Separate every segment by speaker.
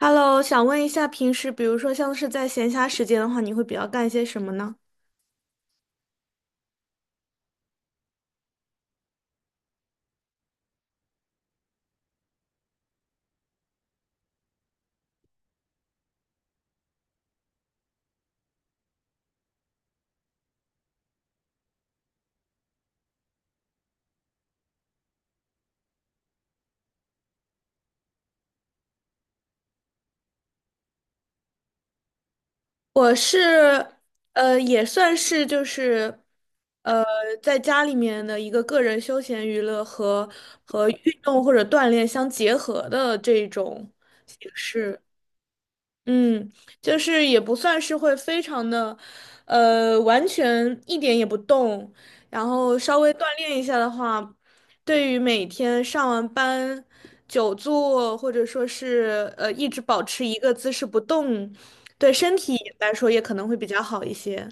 Speaker 1: Hello，想问一下，平时比如说像是在闲暇时间的话，你会比较干些什么呢？我是，也算是就是，呃，在家里面的一个个人休闲娱乐和运动或者锻炼相结合的这种形式。嗯，就是也不算是会非常的，完全一点也不动，然后稍微锻炼一下的话，对于每天上完班久坐或者说是一直保持一个姿势不动，对身体来说也可能会比较好一些。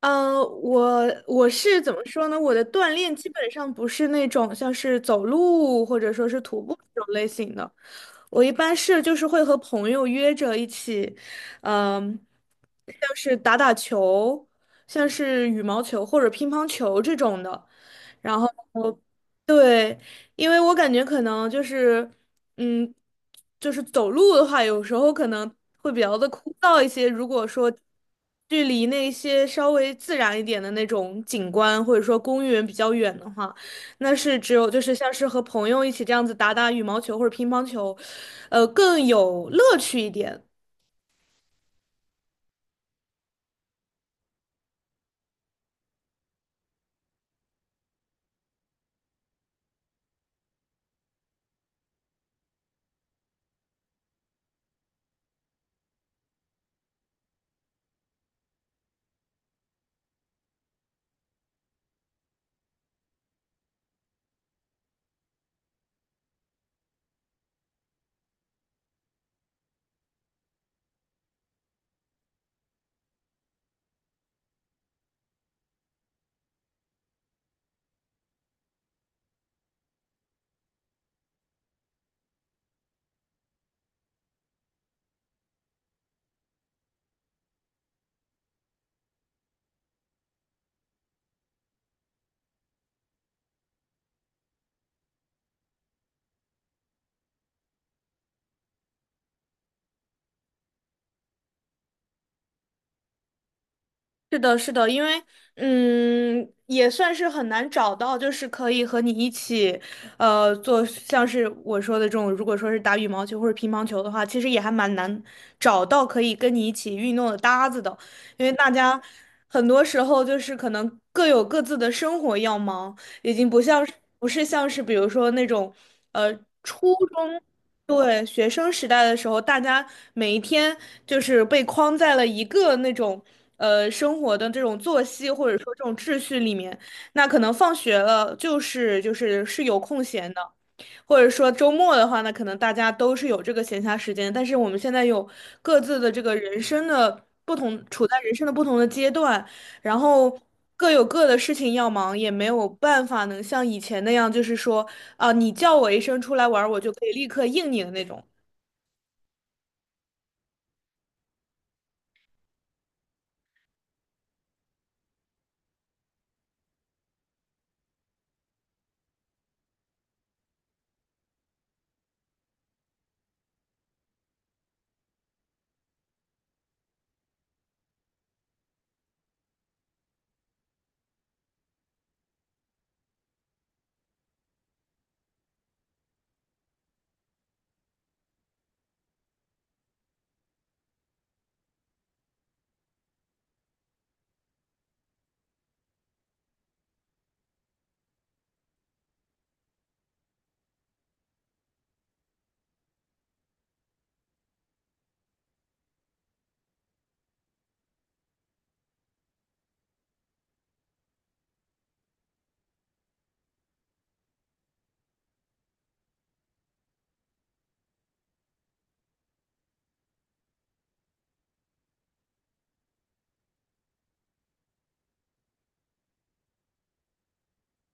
Speaker 1: 我是怎么说呢？我的锻炼基本上不是那种像是走路或者说是徒步这种类型的，我一般是就是会和朋友约着一起，嗯、像是打打球，像是羽毛球或者乒乓球这种的，然后对，因为我感觉可能就是，嗯，就是走路的话，有时候可能会比较的枯燥一些。如果说距离那些稍微自然一点的那种景观，或者说公园比较远的话，那是只有就是像是和朋友一起这样子打打羽毛球或者乒乓球，更有乐趣一点。是的，是的，因为嗯，也算是很难找到，就是可以和你一起，做像是我说的这种，如果说是打羽毛球或者乒乓球的话，其实也还蛮难找到可以跟你一起运动的搭子的，因为大家很多时候就是可能各有各自的生活要忙，已经不像是不是像是比如说那种，呃。初中。对，学生时代的时候，大家每一天就是被框在了一个那种生活的这种作息或者说这种秩序里面。那可能放学了就是是有空闲的，或者说周末的话呢，可能大家都是有这个闲暇时间，但是我们现在有各自的这个人生的不同，处在人生的不同的阶段，然后各有各的事情要忙，也没有办法能像以前那样，就是说啊，你叫我一声出来玩儿我就可以立刻应你的那种。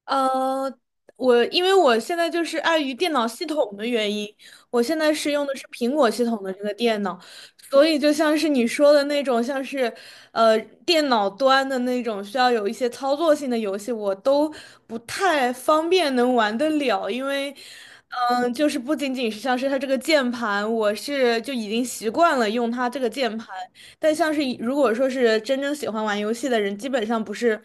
Speaker 1: 呃，因为我现在就是碍于电脑系统的原因，我现在是用的是苹果系统的这个电脑，所以就像是你说的那种，像是呃电脑端的那种需要有一些操作性的游戏，我都不太方便能玩得了，因为就是不仅仅是像是它这个键盘，我是就已经习惯了用它这个键盘。但像是如果说是真正喜欢玩游戏的人，基本上不是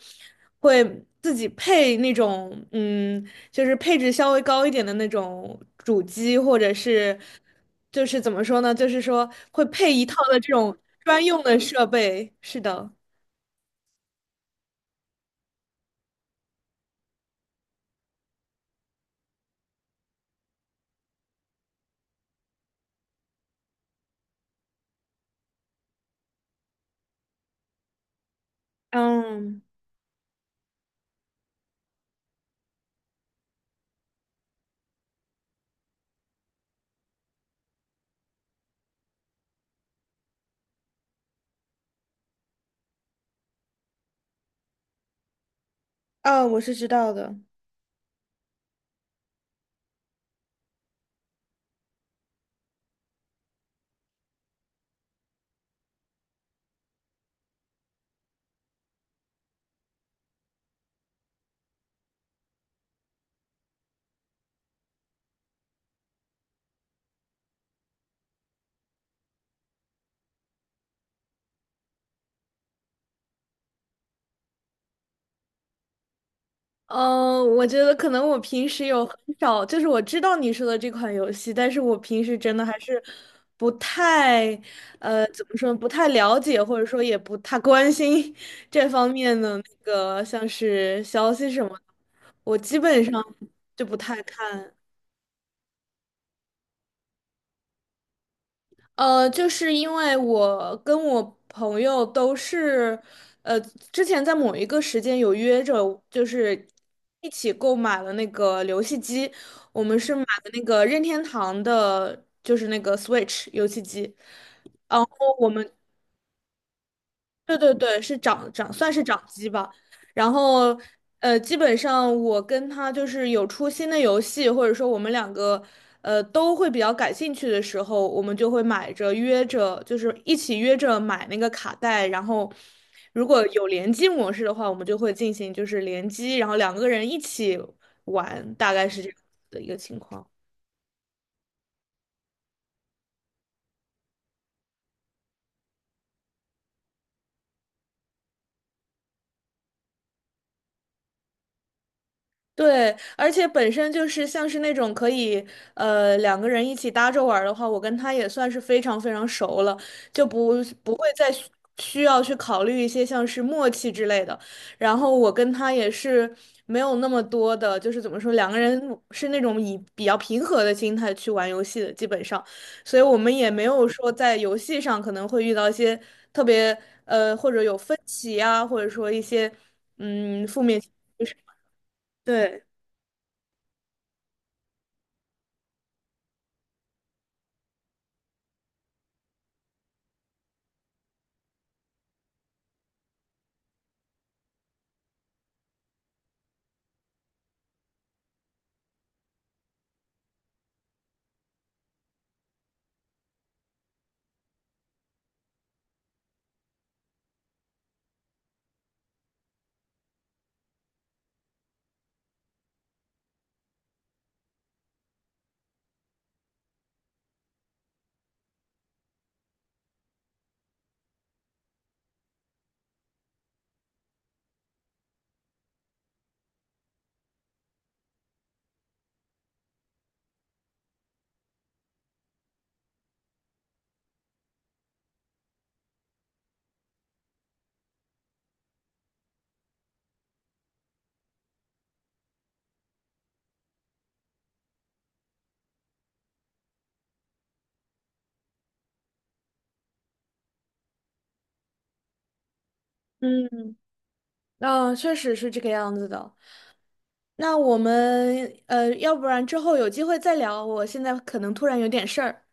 Speaker 1: 会自己配那种，嗯，就是配置稍微高一点的那种主机，或者是就是怎么说呢，就是说会配一套的这种专用的设备。是的，嗯，啊，我是知道的。嗯，我觉得可能我平时有很少，就是我知道你说的这款游戏，但是我平时真的还是不太，怎么说，不太了解，或者说也不太关心 这方面的那个像是消息什么的，我基本上就不太看。就是因为我跟我朋友都是，呃，之前在某一个时间有约着，就是一起购买了那个游戏机，我们是买的那个任天堂的，就是那个 Switch 游戏机。然后我们。对对对，是长算是掌机吧。然后，基本上我跟他就是有出新的游戏，或者说我们两个，都会比较感兴趣的时候，我们就会买着约着，就是一起约着买那个卡带。然后，如果有联机模式的话，我们就会进行就是联机，然后两个人一起玩，大概是这样的一个情况。对，而且本身就是像是那种可以，两个人一起搭着玩儿的话，我跟他也算是非常非常熟了，就不会再需要去考虑一些像是默契之类的。然后我跟他也是没有那么多的，就是怎么说，两个人是那种以比较平和的心态去玩游戏的，基本上，所以我们也没有说在游戏上可能会遇到一些特别，或者有分歧啊，或者说一些，嗯，负面情绪，对。嗯，嗯，确实是这个样子的。那我们要不然之后有机会再聊。我现在可能突然有点事儿。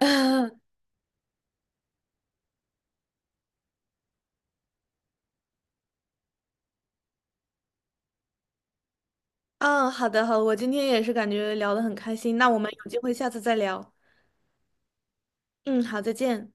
Speaker 1: 嗯，好的，好我今天也是感觉聊得很开心。那我们有机会下次再聊。嗯，好，再见。